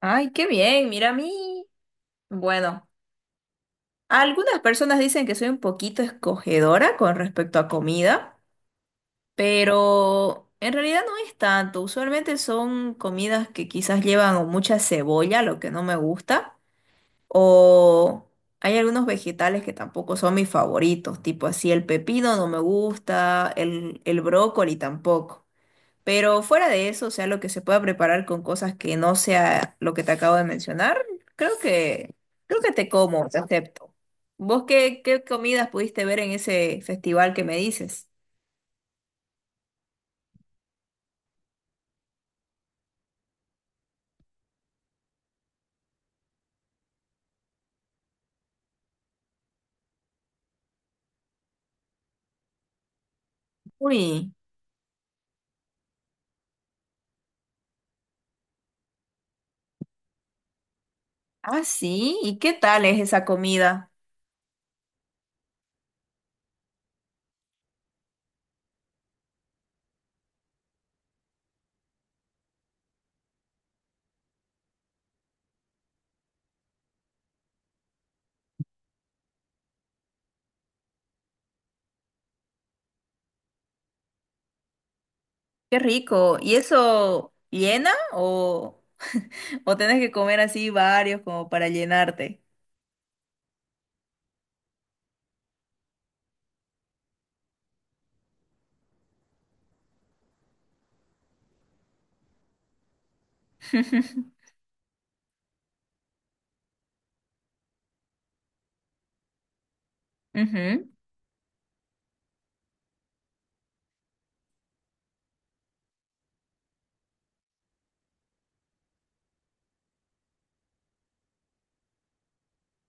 Ay, qué bien, mira a mí. Bueno, algunas personas dicen que soy un poquito escogedora con respecto a comida, pero en realidad no es tanto. Usualmente son comidas que quizás llevan o mucha cebolla, lo que no me gusta, o hay algunos vegetales que tampoco son mis favoritos, tipo así el pepino no me gusta, el brócoli tampoco. Pero fuera de eso, o sea, lo que se pueda preparar con cosas que no sea lo que te acabo de mencionar, creo que, creo que te como, te acepto. ¿Vos qué, qué comidas pudiste ver en ese festival que me dices? Uy, ah, sí, ¿y qué tal es esa comida? Qué rico. ¿Y eso llena o, o tenés que comer así varios como para llenarte?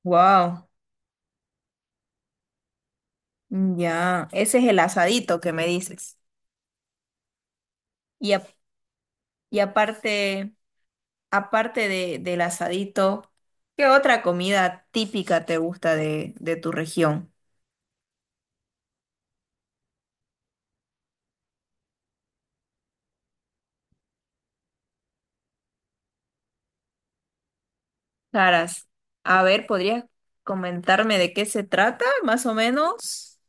Wow, ya, ese es el asadito que me dices. Y, a- y aparte, aparte del asadito, ¿qué otra comida típica te gusta de tu región? Caras, a ver, ¿podrías comentarme de qué se trata, más o menos?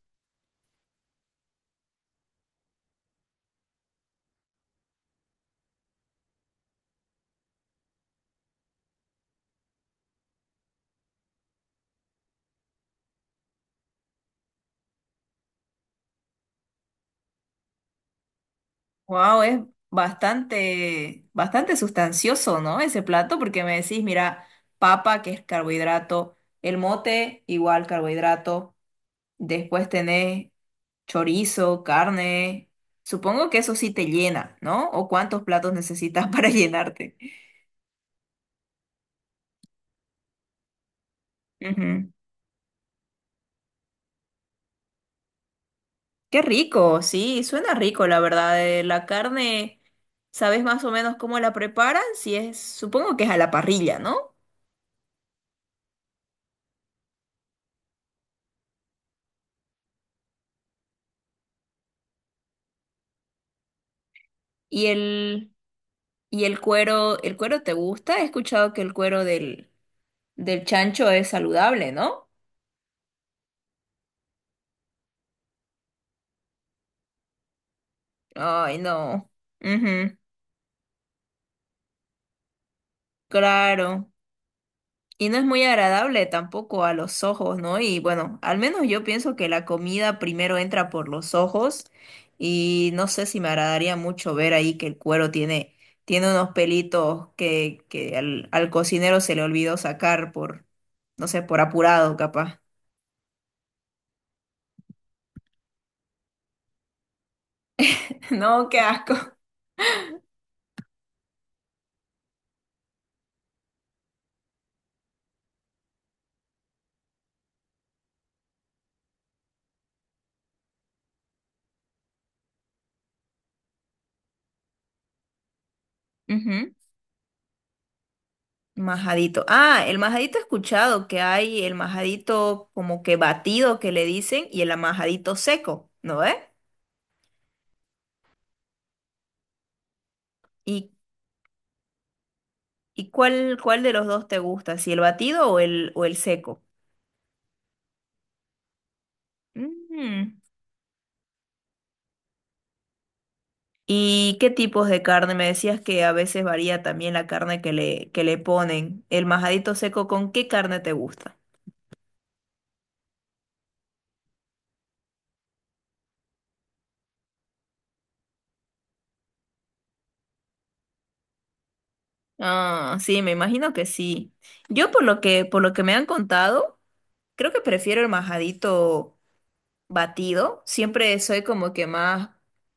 Wow, es bastante sustancioso, ¿no? Ese plato, porque me decís, mira, papa, que es carbohidrato, el mote, igual carbohidrato, después tenés chorizo, carne. Supongo que eso sí te llena, ¿no? ¿O cuántos platos necesitas para llenarte? Ujú. Qué rico, sí, suena rico, la verdad. La carne, ¿sabes más o menos cómo la preparan? Si es, supongo que es a la parrilla, ¿no? Y el, y ¿el cuero te gusta? He escuchado que el cuero del chancho es saludable, ¿no? Ay, no. Ujú. Claro. Y no es muy agradable tampoco a los ojos, ¿no? Y bueno, al menos yo pienso que la comida primero entra por los ojos y no sé si me agradaría mucho ver ahí que el cuero tiene, tiene unos pelitos que, al cocinero se le olvidó sacar por, no sé, por apurado capaz. No, qué asco. Ujú. Majadito. Ah, el majadito he escuchado que hay el majadito como que batido que le dicen y el majadito seco, ¿no es? y ¿Y cuál, cuál de los dos te gusta? ¿Si el batido o el seco? Mm. ¿Y qué tipos de carne? Me decías que a veces varía también la carne que le ponen. ¿El majadito seco con qué carne te gusta? Ah, sí, me imagino que sí. Yo por lo que me han contado, creo que prefiero el majadito batido. Siempre soy como que más,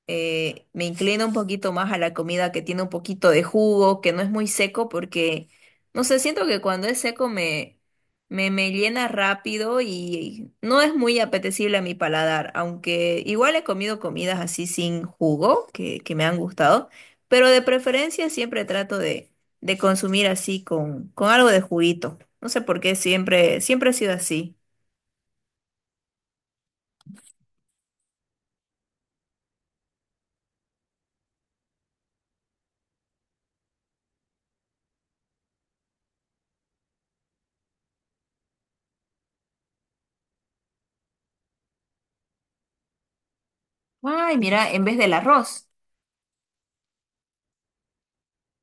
me inclino un poquito más a la comida que tiene un poquito de jugo, que no es muy seco, porque, no sé, siento que cuando es seco me llena rápido y no es muy apetecible a mi paladar, aunque igual he comido comidas así sin jugo, que me han gustado, pero de preferencia siempre trato de consumir así con algo de juguito. No sé por qué siempre ha sido así. Ay, mira, en vez del arroz.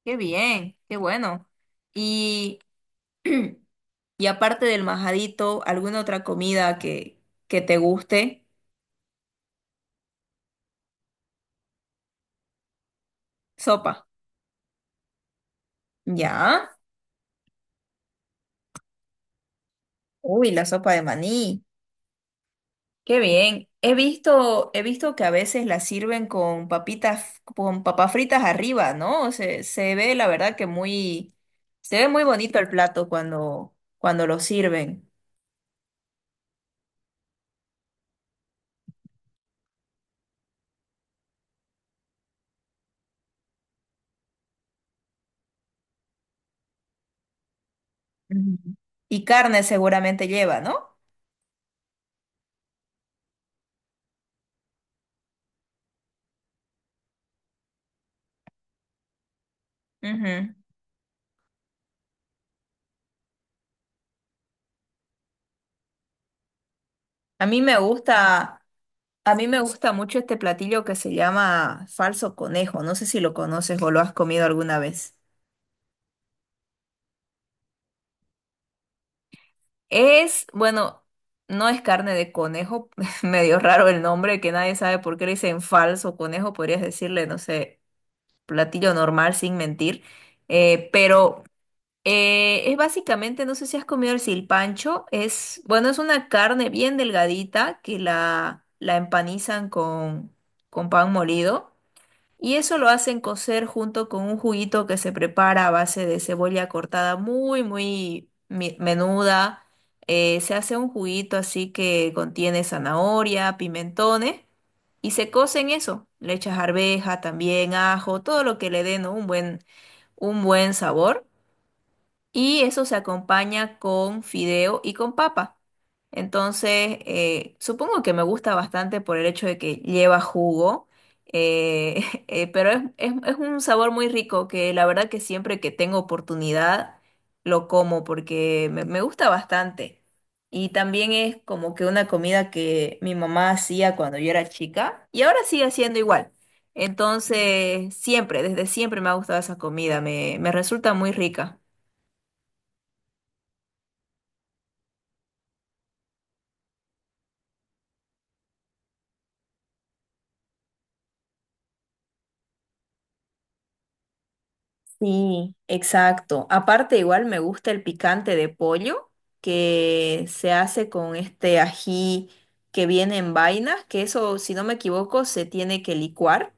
Qué bien, qué bueno. Y, y aparte del majadito, ¿alguna otra comida que te guste? Sopa. ¿Ya? Uy, la sopa de maní. Qué bien. He visto que a veces la sirven con papitas, con papas fritas arriba, ¿no? Se ve, la verdad, que muy, se ve muy bonito el plato cuando, cuando lo sirven. Ujú. Y carne seguramente lleva, ¿no? Ujú. A mí me gusta. A mí me gusta mucho este platillo que se llama falso conejo. No sé si lo conoces o lo has comido alguna vez. Es, bueno, no es carne de conejo, medio raro el nombre, que nadie sabe por qué le dicen falso conejo. Podrías decirle, no sé, platillo normal sin mentir. Pero es básicamente, no sé si has comido el silpancho. Es, bueno, es una carne bien delgadita que la empanizan con pan molido. Y eso lo hacen cocer junto con un juguito que se prepara a base de cebolla cortada muy, muy menuda. Se hace un juguito así que contiene zanahoria, pimentones y se cose en eso. Le echas arveja, también ajo, todo lo que le dé, ¿no? Un buen sabor. Y eso se acompaña con fideo y con papa. Entonces, supongo que me gusta bastante por el hecho de que lleva jugo, pero es, es un sabor muy rico que la verdad que siempre que tengo oportunidad lo como porque me gusta bastante. Y también es como que una comida que mi mamá hacía cuando yo era chica y ahora sigue haciendo igual. Entonces, siempre, desde siempre me ha gustado esa comida, me resulta muy rica. Sí, exacto. Aparte, igual me gusta el picante de pollo que se hace con este ají que viene en vainas, que eso, si no me equivoco, se tiene que licuar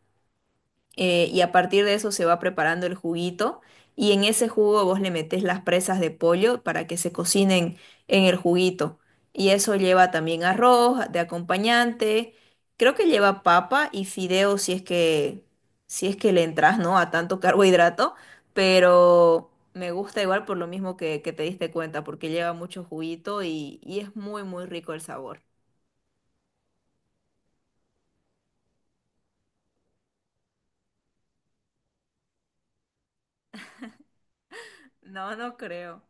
y a partir de eso se va preparando el juguito y en ese jugo vos le metés las presas de pollo para que se cocinen en el juguito. Y eso lleva también arroz de acompañante, creo que lleva papa y fideo si es que, si es que le entras, ¿no? A tanto carbohidrato, pero me gusta igual por lo mismo que te diste cuenta, porque lleva mucho juguito y es muy, muy rico el sabor. No,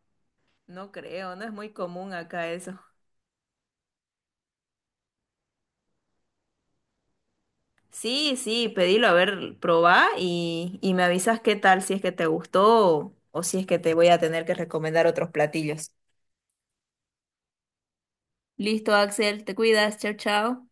no creo, no es muy común acá eso. Sí, sí, pedilo, a ver, probá y me avisas qué tal, si es que te gustó o si es que te voy a tener que recomendar otros platillos. Listo, Axel, te cuidas, chao, chao.